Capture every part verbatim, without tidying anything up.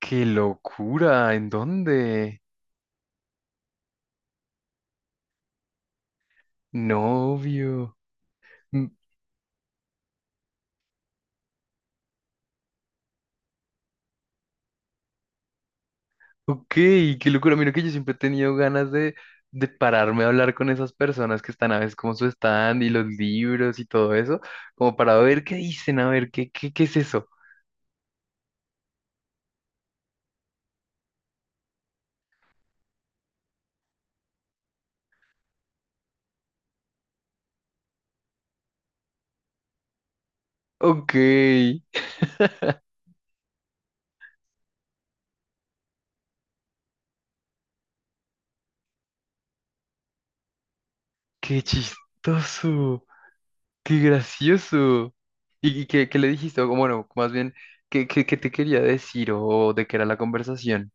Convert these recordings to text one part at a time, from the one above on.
¡Qué locura! ¿En dónde? Novio. Mm. Ok, qué locura. Mira que yo siempre he tenido ganas de, de pararme a hablar con esas personas que están a veces como su stand y los libros y todo eso, como para ver qué dicen, a ver qué, qué, qué es eso. Ok, qué chistoso, qué gracioso. ¿Y, y qué, qué le dijiste? O bueno, más bien, ¿qué, qué, qué te quería decir o de qué era la conversación?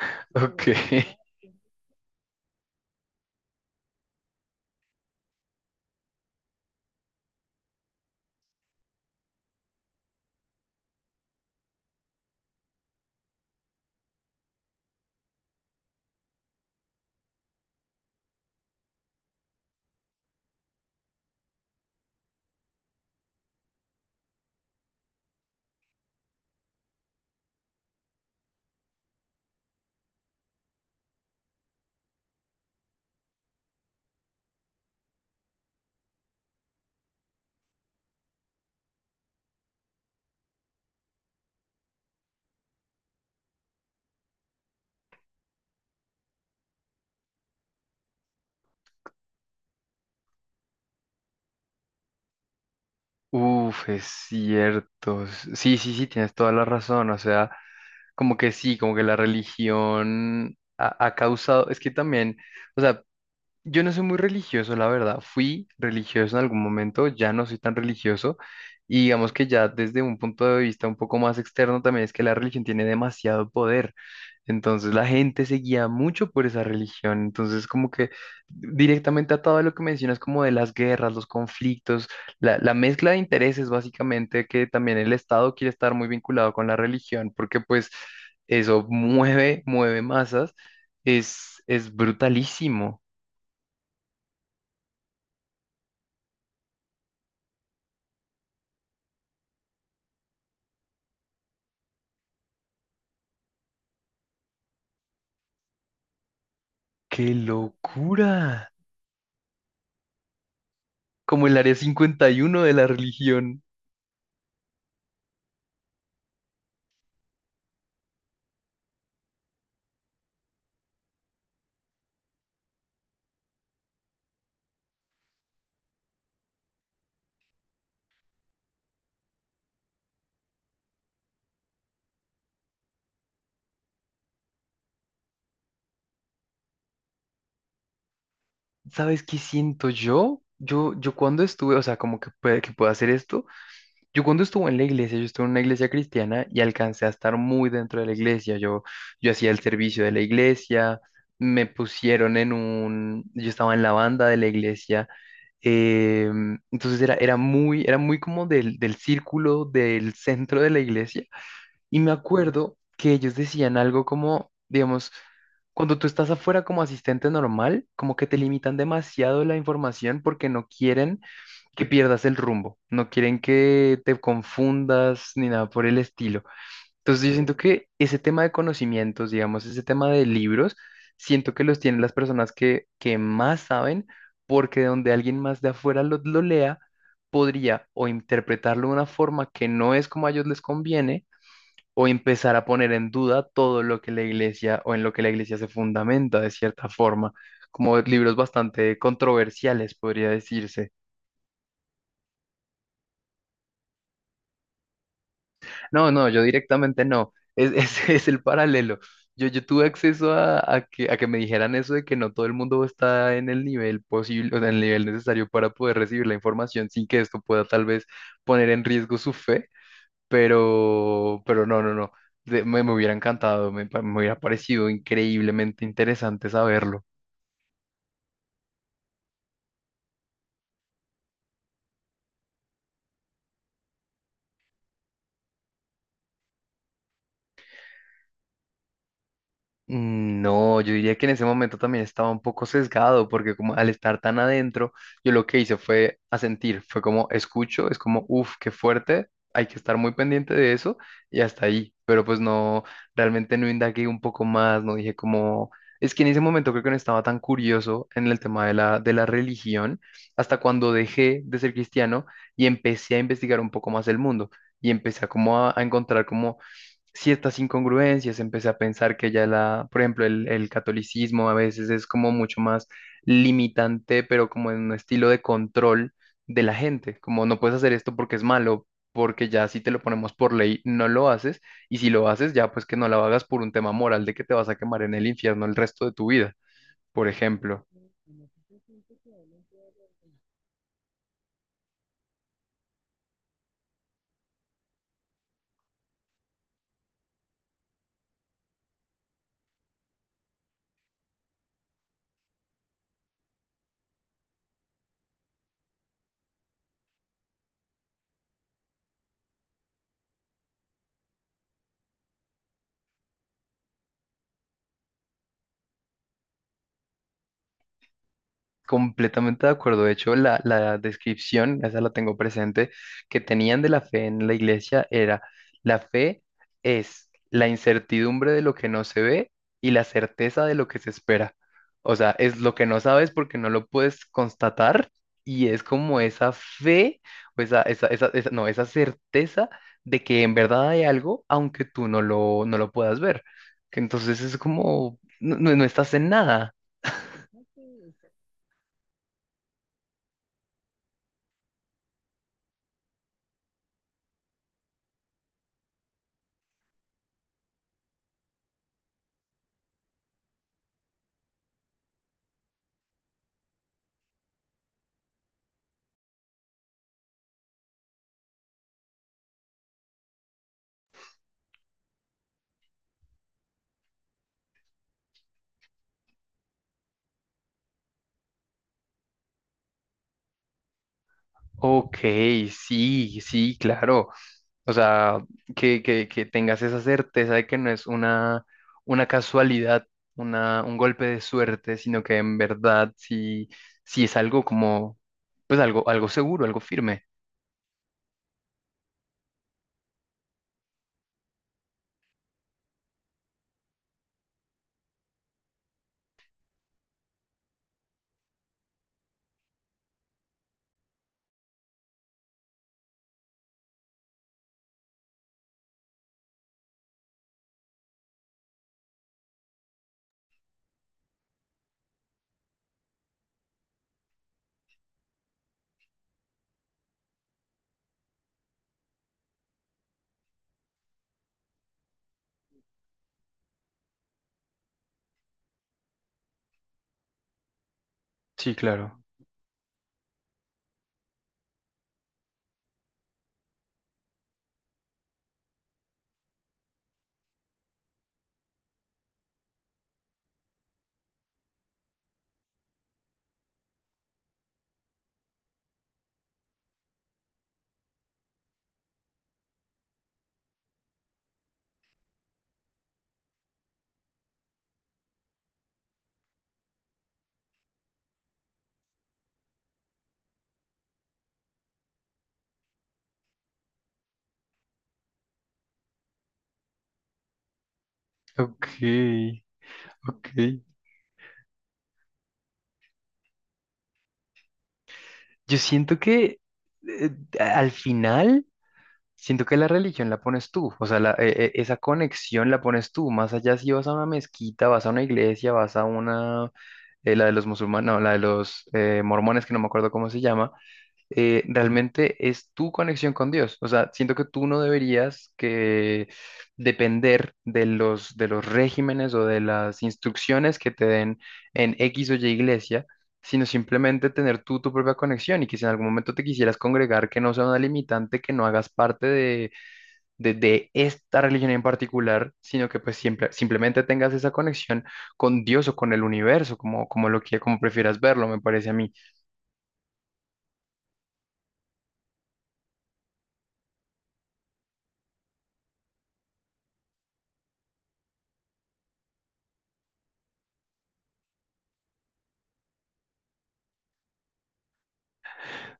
Ok. Uf, es cierto. S- Sí, sí, sí, tienes toda la razón. O sea, como que sí, como que la religión ha, ha causado, es que también, o sea, yo no soy muy religioso, la verdad. Fui religioso en algún momento, ya no soy tan religioso. Y digamos que ya desde un punto de vista un poco más externo también es que la religión tiene demasiado poder. Entonces la gente se guía mucho por esa religión. Entonces como que directamente atado a lo que mencionas como de las guerras, los conflictos, la, la mezcla de intereses básicamente que también el Estado quiere estar muy vinculado con la religión porque pues eso mueve, mueve masas. Es, es brutalísimo. ¡Qué locura! Como el área cincuenta y uno de la religión. ¿Sabes qué siento yo? Yo, yo cuando estuve, o sea, como que, puede, que puedo hacer esto. Yo cuando estuve en la iglesia, yo estuve en una iglesia cristiana y alcancé a estar muy dentro de la iglesia. Yo, yo hacía el servicio de la iglesia, me pusieron en un, yo estaba en la banda de la iglesia. Em, entonces era, era muy, era muy como del, del círculo, del centro de la iglesia. Y me acuerdo que ellos decían algo como, digamos, cuando tú estás afuera como asistente normal, como que te limitan demasiado la información porque no quieren que pierdas el rumbo, no quieren que te confundas ni nada por el estilo. Entonces yo siento que ese tema de conocimientos, digamos, ese tema de libros, siento que los tienen las personas que, que más saben, porque de donde alguien más de afuera lo, lo lea, podría o interpretarlo de una forma que no es como a ellos les conviene, o empezar a poner en duda todo lo que la iglesia o en lo que la iglesia se fundamenta de cierta forma, como libros bastante controversiales, podría decirse. No, no, yo directamente no. Es, es, es el paralelo. Yo, yo tuve acceso a, a que, a que me dijeran eso de que no todo el mundo está en el nivel posible, o sea, en el nivel necesario para poder recibir la información sin que esto pueda tal vez poner en riesgo su fe, pero, pero no, no, no. De- me, me hubiera encantado, me, pa- me hubiera parecido increíblemente interesante saberlo. Mm, no, yo diría que en ese momento también estaba un poco sesgado, porque como al estar tan adentro, yo lo que hice fue asentir, fue como escucho, es como, uff, qué fuerte, hay que estar muy pendiente de eso y hasta ahí, pero pues no, realmente no indagué un poco más, no dije como, es que en ese momento creo que no estaba tan curioso en el tema de la, de la religión, hasta cuando dejé de ser cristiano y empecé a investigar un poco más el mundo y empecé a como a a encontrar como ciertas incongruencias, empecé a pensar que ya la, por ejemplo, el, el catolicismo a veces es como mucho más limitante, pero como en un estilo de control de la gente, como no puedes hacer esto porque es malo, porque ya si te lo ponemos por ley no lo haces, y si lo haces ya pues que no lo hagas por un tema moral de que te vas a quemar en el infierno el resto de tu vida, por ejemplo. Completamente de acuerdo. De hecho, la, la descripción, esa la tengo presente, que tenían de la fe en la iglesia era, la fe es la incertidumbre de lo que no se ve y la certeza de lo que se espera. O sea, es lo que no sabes porque no lo puedes constatar y es como esa fe, o esa, esa, esa, esa- no, esa certeza de que en verdad hay algo, aunque tú no lo, no lo puedas ver. Que entonces es como, no, no no estás en nada. Ok, sí, sí, claro. O sea, que, que, que tengas esa certeza de que no es una, una casualidad, una, un golpe de suerte, sino que en verdad sí, sí es algo como, pues algo, algo seguro, algo firme. Sí, claro. Ok, ok. Yo siento que eh, al final. Siento que la religión la pones tú, o sea, la- e- e- esa conexión la pones tú, más allá si vas a una mezquita, vas a una iglesia, vas a una, eh, la de los musulmanes, no, la de los eh, mormones, que no me acuerdo cómo se llama, eh, realmente es tu conexión con Dios. O sea, siento que tú no deberías que depender de los, de los regímenes o de las instrucciones que te den en X o Y iglesia, sino simplemente tener tú tu propia conexión y que si en algún momento te quisieras congregar, que no sea una limitante, que no hagas parte de, de, de esta religión en particular, sino que pues siempre, simplemente tengas esa conexión con Dios o con el universo, como, como lo que, como prefieras verlo, me parece a mí.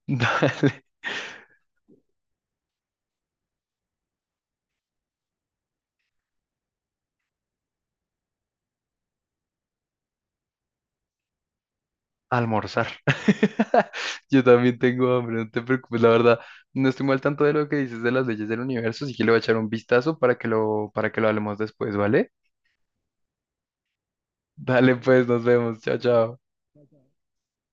Dale. Almorzar. Yo también tengo hambre, no te preocupes, la verdad. No estoy mal tanto de lo que dices de las leyes del universo, así que le voy a echar un vistazo para que lo, para que lo hablemos después, ¿vale? Dale pues, nos vemos. Chao, chao.